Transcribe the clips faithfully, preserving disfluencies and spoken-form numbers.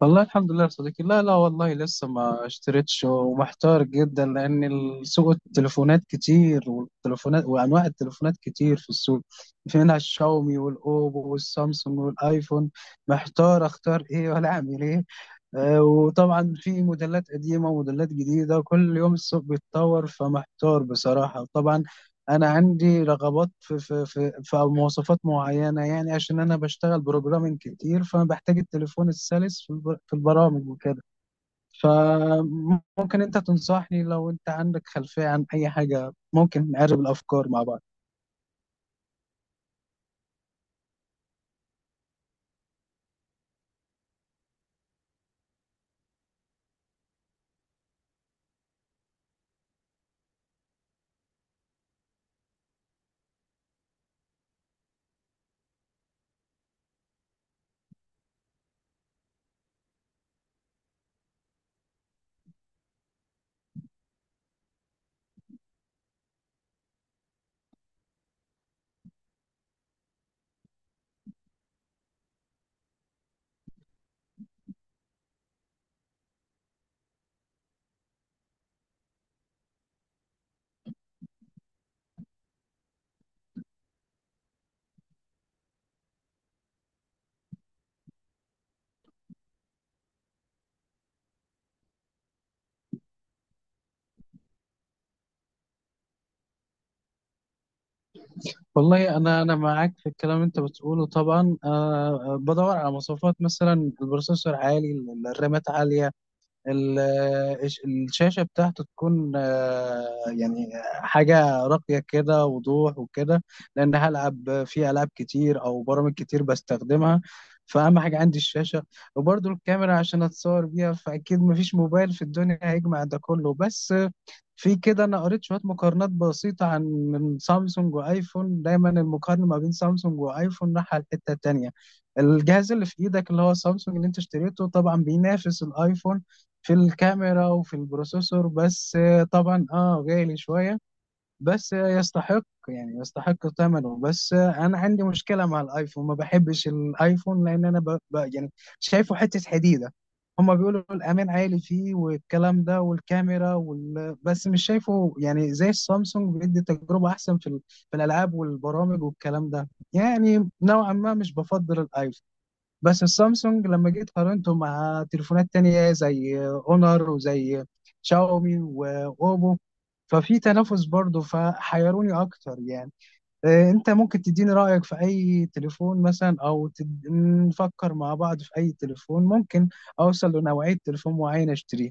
والله الحمد لله يا صديقي. لا لا والله لسه ما اشتريتش ومحتار جدا، لان السوق التليفونات كتير، والتليفونات وانواع التليفونات كتير في السوق. في منها الشاومي والاوبو والسامسونج والايفون. محتار اختار ايه ولا اعمل ايه؟ آه، وطبعا في موديلات قديمة وموديلات جديدة، كل يوم السوق بيتطور، فمحتار بصراحة طبعا. أنا عندي رغبات في, في, في, في مواصفات معينة، يعني عشان أنا بشتغل بروجرامينج كتير، فأنا بحتاج التليفون السلس في الب- في البرامج وكده. فممكن أنت تنصحني لو أنت عندك خلفية عن أي حاجة ممكن نقرب الأفكار مع بعض. والله أنا أنا معاك في الكلام اللي أنت بتقوله طبعا، أه. آه، بدور على مواصفات، مثلا البروسيسور عالي، الرامات عالية، ال- الش- الشاشة بتاعته تكون آه، يعني حاجة راقية كده، وضوح وكده، لأن هلعب في ألعاب كتير أو برامج كتير بستخدمها، فأهم حاجة عندي الشاشة، وبرضو الكاميرا عشان أتصور بيها. فأكيد مفيش موبايل في الدنيا هيجمع ده كله. بس في كده، انا قريت شويه مقارنات بسيطه، عن من سامسونج وايفون، دايما المقارنه ما بين سامسونج وايفون راح على الحته التانيه. الجهاز اللي في ايدك اللي هو سامسونج اللي انت اشتريته طبعا بينافس الايفون في الكاميرا وفي البروسيسور، بس آه، طبعا اه غالي شويه، بس يستحق، يعني يستحق ثمنه. بس انا عندي مشكله مع الايفون، ما بحبش الايفون لان انا ب... ب... يعني شايفه حته حديده. هما بيقولوا الامان عالي فيه والكلام ده والكاميرا وال... بس مش شايفه، يعني زي السامسونج بيدي تجربه احسن في, ال... في الالعاب والبرامج والكلام ده، يعني نوعا ما مش بفضل الايفون. بس السامسونج لما جيت قارنته مع تليفونات تانية، زي اونر وزي شاومي واوبو، ففي تنافس برضه، فحيروني اكتر يعني. آه، انت ممكن تديني رأيك في اي تليفون مثلا، او تد... نفكر مع بعض في اي تليفون ممكن اوصل لنوعية تليفون معين اشتريه.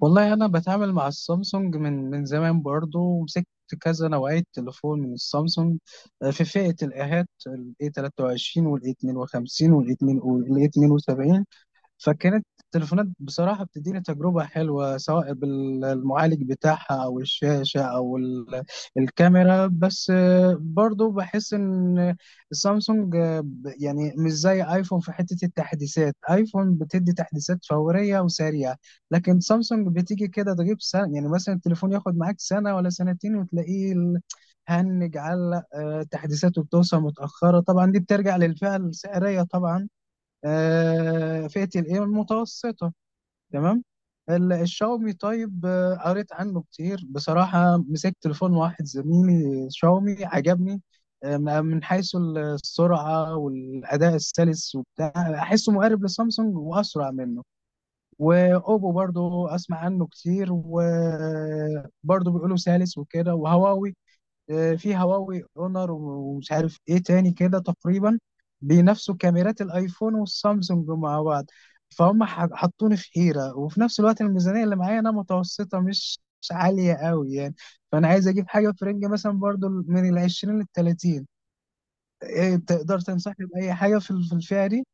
والله انا بتعامل مع السامسونج من من زمان برضو، ومسكت كذا نوعية تليفون من السامسونج. آه، في فئة الآهات، ال A23 وال A52 وال A72. فكانت التليفونات بصراحة بتديني تجربة حلوة، سواء بالمعالج بتاعها أو الشاشة أو ال- الكاميرا. بس آه، برضو بحس إن سامسونج، آه، ب- يعني مش زي آيفون في حتة التحديثات. آيفون بتدي تحديثات فورية وسريعة، لكن سامسونج بتيجي كده تجيب سنة، يعني مثلا التليفون ياخد معاك سنة ولا سنتين وتلاقيه ال- هنج علق، آه، تحديثاته بتوصل متأخرة. طبعا دي بترجع للفئة السعرية طبعا. آه، فئة الايه المتوسطة. تمام. ال- الشاومي، طيب، آه، قريت عنه كتير بصراحة، مسكت تليفون واحد زميلي شاومي عجبني، آه، م- من حيث ال- السرعة والأداء السلس وبتاع، أحسه مقارب لسامسونج وأسرع منه. وأوبو برضو أسمع عنه كتير، وبرضو بيقولوا سلس وكده. وهواوي، آه، في هواوي اونر، ومش عارف ايه تاني كده تقريبا، بينافسوا كاميرات الايفون والسامسونج مع بعض. فهم ح- حطوني في حيرة. وفي نفس الوقت الميزانية اللي معايا انا متوسطة، مش مش عالية قوي يعني. فانا عايز اجيب حاجة في رينج مثلا، برضو من العشرين للتلاتين. إيه تقدر تنصحني بأي حاجة في في الفئة دي؟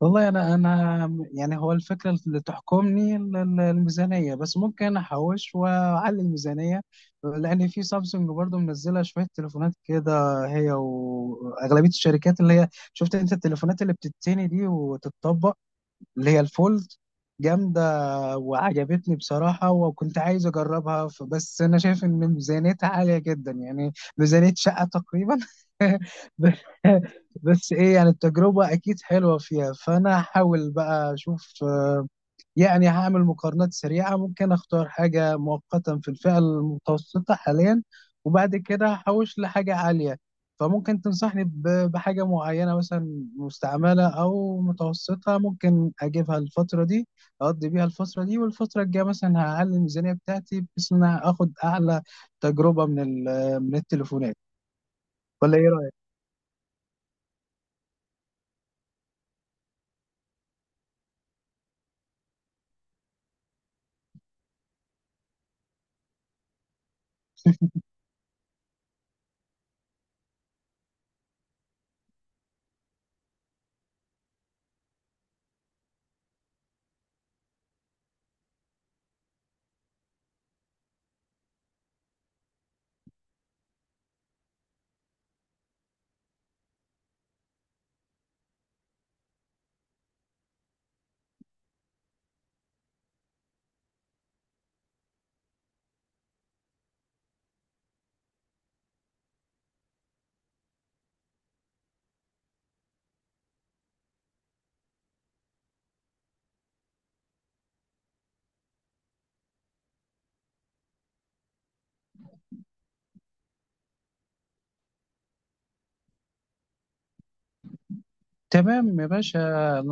والله انا انا يعني هو الفكره اللي تحكمني ال- ال- الميزانيه، بس ممكن احوش واعلي الميزانيه، لان في سامسونج برضو منزله شويه تليفونات كده، هي واغلبيه الشركات اللي هي، شفت انت التليفونات اللي بتتني دي وتتطبق، اللي هي الفولد، جامده وعجبتني بصراحة، وكنت عايز أجربها، ف- بس أنا شايف إن ميزانيتها عالية جدا، يعني ميزانية شقة تقريبا. ب- بس إيه، يعني التجربة أكيد حلوة فيها. فأنا هحاول بقى أشوف، يعني هعمل مقارنات سريعة، ممكن أختار حاجة مؤقتا في الفئة المتوسطة حاليا، وبعد كده هحوش لحاجة عالية. فممكن تنصحني ب- بحاجة معينة، مثلا مستعملة أو متوسطة، ممكن أجيبها الفترة دي، أقضي بيها الفترة دي، والفترة الجاية مثلا هعلي الميزانية بتاعتي، بحيث إن أنا آخد أعلى تجربة من ال- من التليفونات. ولا إيه رأيك؟ تمام يا باشا،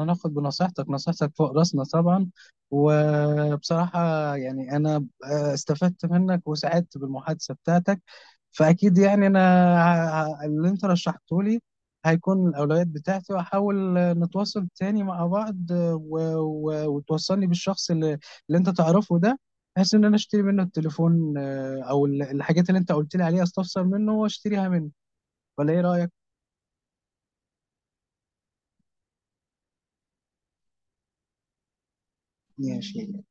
ناخد بنصيحتك، نصيحتك فوق راسنا طبعا. وبصراحة، يعني أنا استفدت منك وسعدت بالمحادثة بتاعتك. فأكيد يعني أنا، ه- ه- اللي أنت رشحته لي هيكون الأولويات بتاعتي. وأحاول نتواصل تاني مع بعض، و... و... وتوصلني بالشخص اللي... اللي أنت تعرفه ده، بحيث إن أنا أشتري منه التليفون، آه، أو ال- الحاجات اللي أنت قلت لي عليها أستفسر منه وأشتريها منه. ولا إيه رأيك؟ ماشي.